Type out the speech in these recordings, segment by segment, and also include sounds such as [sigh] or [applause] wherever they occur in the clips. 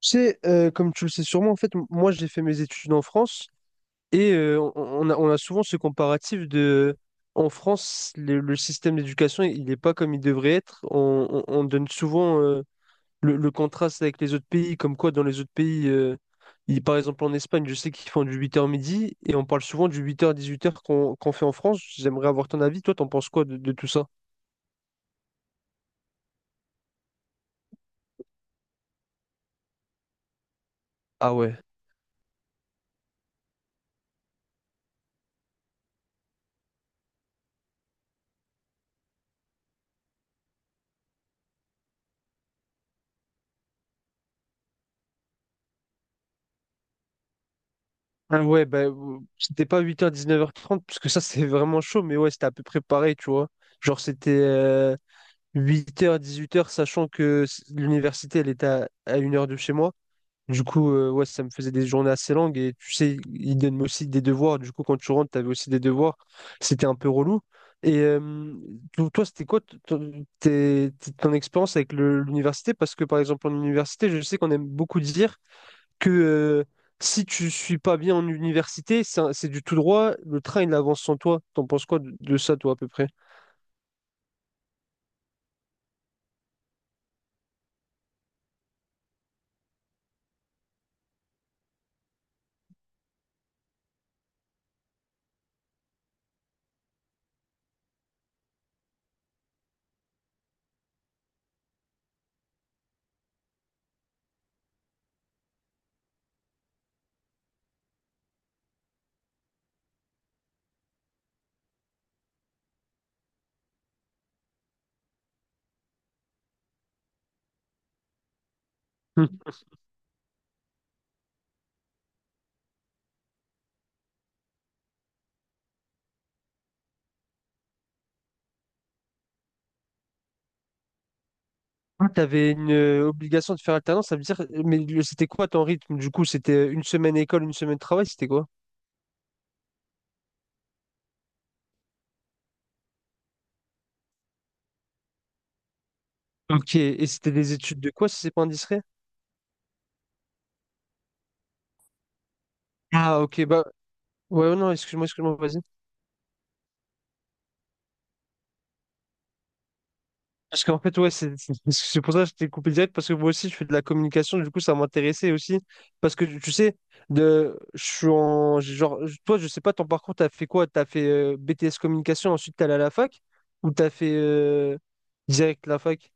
Tu sais, comme tu le sais sûrement, en fait, moi j'ai fait mes études en France et on a souvent ce comparatif de en France, le système d'éducation, il n'est pas comme il devrait être. On donne souvent le contraste avec les autres pays, comme quoi dans les autres pays, par exemple en Espagne, je sais qu'ils font du 8h-midi et on parle souvent du 8h-18h qu'on fait en France. J'aimerais avoir ton avis. Toi, t'en penses quoi de tout ça? Ah ouais. Ah ouais, bah, c'était pas 8h-19h30 parce que ça, c'est vraiment chaud, mais ouais, c'était à peu près pareil, tu vois. Genre, c'était 8h-18h sachant que l'université, elle était à 1 heure de chez moi. Du coup, ouais, ça me faisait des journées assez longues, et tu sais, ils donnent aussi des devoirs. Du coup, quand tu rentres, t'avais aussi des devoirs. C'était un peu relou. Et toi, c'était quoi ton expérience avec l'université? Parce que, par exemple, en université, je sais qu'on aime beaucoup dire que si tu suis pas bien en université, c'est du tout droit, le train il avance sans toi. T'en penses quoi de ça, toi, à peu près? Hmm. Ah, t'avais une obligation de faire alternance, ça veut dire, mais c'était quoi ton rythme? Du coup, c'était une semaine école, une semaine travail, c'était quoi? Ok, et c'était des études de quoi, si c'est pas indiscret? Ah, ok, bah, ouais, non, excuse-moi, excuse-moi, vas-y. Parce qu'en fait, ouais, c'est pour ça que je t'ai coupé direct, parce que moi aussi, je fais de la communication, du coup, ça m'intéressait aussi. Parce que tu sais, je suis en. J'ai Genre, toi, je sais pas, ton parcours, t'as fait quoi? T'as fait BTS communication, ensuite t'es allé à la fac, ou t'as fait direct la fac?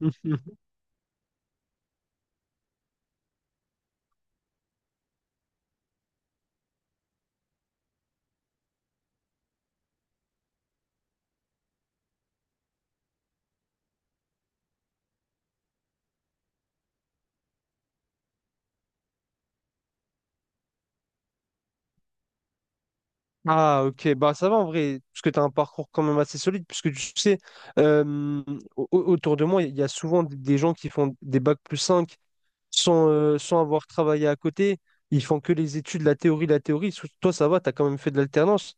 [laughs] Ah, ok, bah ça va en vrai, parce que tu as un parcours quand même assez solide, puisque tu sais, euh, autour de moi, il y a souvent des gens qui font des bacs+5 sans avoir travaillé à côté. Ils font que les études, la théorie, la théorie. Toi, ça va, tu as quand même fait de l'alternance.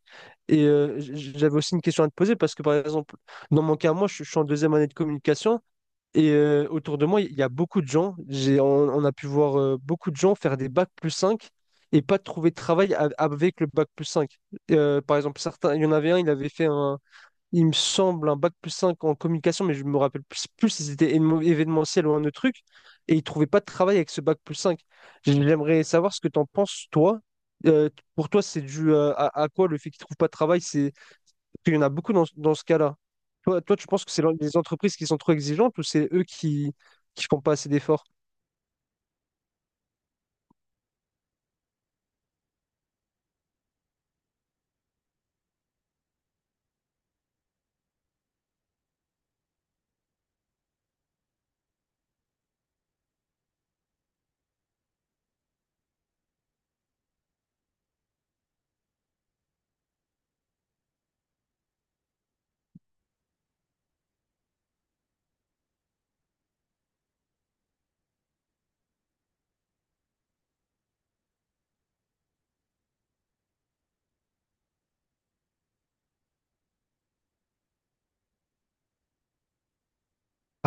Et j'avais aussi une question à te poser parce que, par exemple, dans mon cas, moi, je suis en deuxième année de communication et autour de moi, il y a beaucoup de gens. On a pu voir beaucoup de gens faire des bacs+5 et pas trouver de travail avec le bac+5. Par exemple, certains, il y en avait un, il me semble, un bac+5 en communication, mais je me rappelle plus, si c'était événementiel ou un autre truc, et il trouvait pas de travail avec ce bac+5. J'aimerais savoir ce que tu en penses, toi. Euh, pour toi, c'est dû à, quoi le fait qu'il trouve pas de travail? C'est... parce qu'il y en a beaucoup dans, ce cas-là. Toi, toi, tu penses que les entreprises qui sont trop exigeantes ou c'est eux qui font pas assez d'efforts?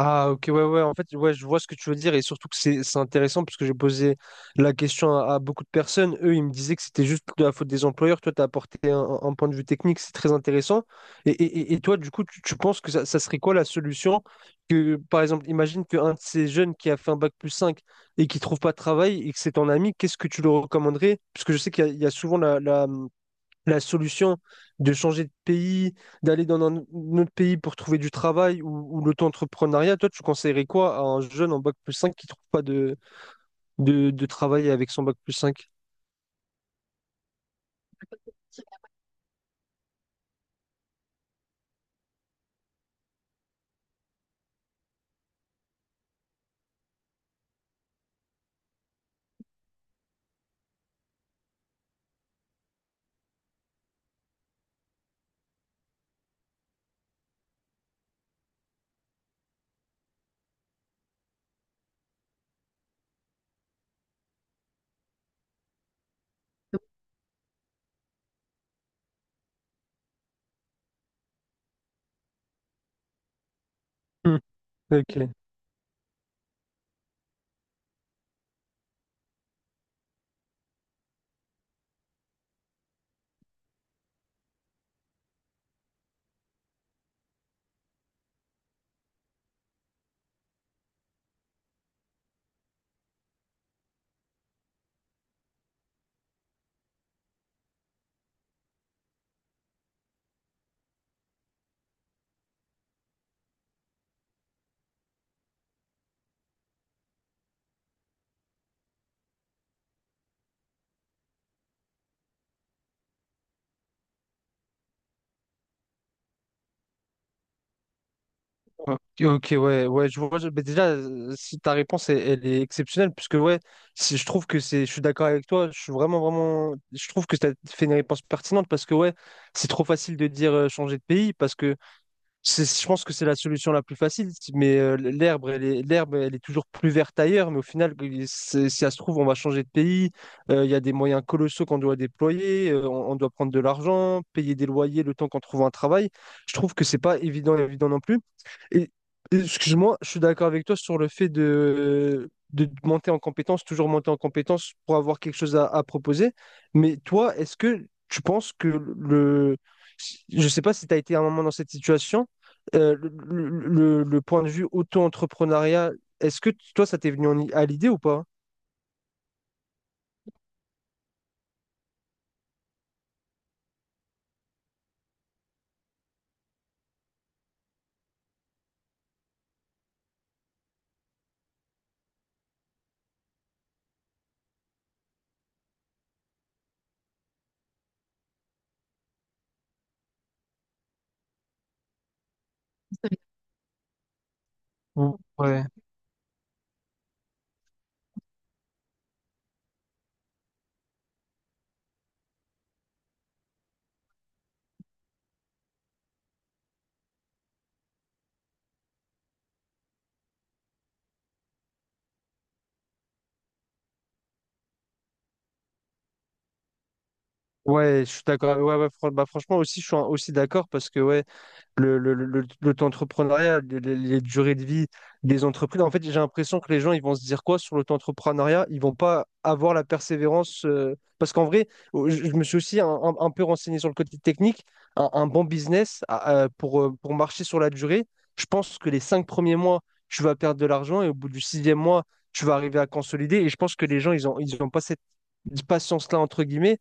Ah, ok, ouais, ouais, en fait, ouais, je vois ce que tu veux dire et surtout que c'est intéressant parce que j'ai posé la question à beaucoup de personnes. Eux, ils me disaient que c'était juste de la faute des employeurs. Toi, tu as apporté un point de vue technique, c'est très intéressant. Et, et toi du coup tu penses que ça serait quoi la solution? Que par exemple imagine qu'un de ces jeunes qui a fait un bac plus 5 et qui trouve pas de travail et que c'est ton ami, qu'est-ce que tu le recommanderais? Parce que je sais qu'il y a souvent la solution de changer de pays, d'aller dans un autre pays pour trouver du travail, ou l'auto-entrepreneuriat. Toi, tu conseillerais quoi à un jeune en bac+5 qui trouve pas de travail avec son bac+5? Hmm, Ok. Ok, ok, ouais, ouais, je vois. Bah déjà, si ta réponse, elle, est exceptionnelle, puisque ouais, si je trouve que c'est, je suis d'accord avec toi. Je suis vraiment, vraiment, je trouve que tu as fait une réponse pertinente parce que ouais, c'est trop facile de dire changer de pays parce que je pense que c'est la solution la plus facile, si, mais l'herbe, elle est toujours plus verte ailleurs. Mais au final, si ça se trouve, on va changer de pays. Il y a des moyens colossaux qu'on doit déployer. On doit prendre de l'argent, payer des loyers le temps qu'on trouve un travail. Je trouve que c'est pas évident non plus. Et excuse-moi, je suis d'accord avec toi sur le fait de monter en compétence, toujours monter en compétence pour avoir quelque chose à proposer. Mais toi, est-ce que tu penses que le... Je ne sais pas si tu as été à un moment dans cette situation, euh, le point de vue auto-entrepreneuriat, est-ce que toi, ça t'est venu à l'idée ou pas? Ouais, je suis d'accord. Ouais, ouais, bah, franchement, aussi, je suis aussi d'accord parce que ouais, l'auto-entrepreneuriat, les durées de vie des entreprises. En fait, j'ai l'impression que les gens, ils vont se dire quoi sur l'auto-entrepreneuriat? Ils vont pas avoir la persévérance. Parce qu'en vrai, je me suis aussi un peu renseigné sur le côté technique. Un bon business pour marcher sur la durée, je pense que les 5 premiers mois, tu vas perdre de l'argent et au bout du sixième mois, tu vas arriver à consolider. Et je pense que les gens, ils ont pas cette patience-là, entre guillemets,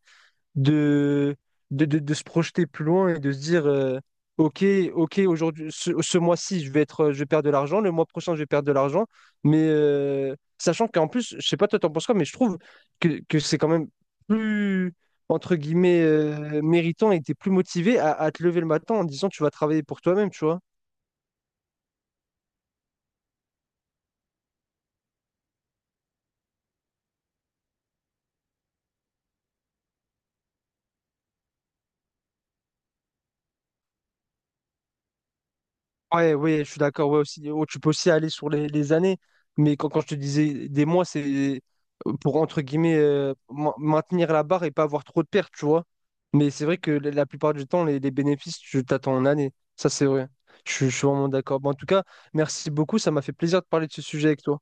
de, de se projeter plus loin et de se dire ok. Ok, aujourd'hui, ce mois-ci, je vais perdre de l'argent, le mois prochain je vais perdre de l'argent, mais sachant qu'en plus, je sais pas, toi t'en penses quoi, mais je trouve que c'est quand même plus, entre guillemets, méritant, et t'es plus motivé à, te lever le matin en disant tu vas travailler pour toi-même, tu vois. Ouais, ouais, je suis d'accord. Ouais, aussi, oh, tu peux aussi aller sur les années, mais quand je te disais des mois, c'est pour, entre guillemets, maintenir la barre et pas avoir trop de pertes, tu vois. Mais c'est vrai que la plupart du temps, les, bénéfices, tu t'attends en année. Ça, c'est vrai. Je suis vraiment d'accord. Bon, en tout cas, merci beaucoup. Ça m'a fait plaisir de parler de ce sujet avec toi.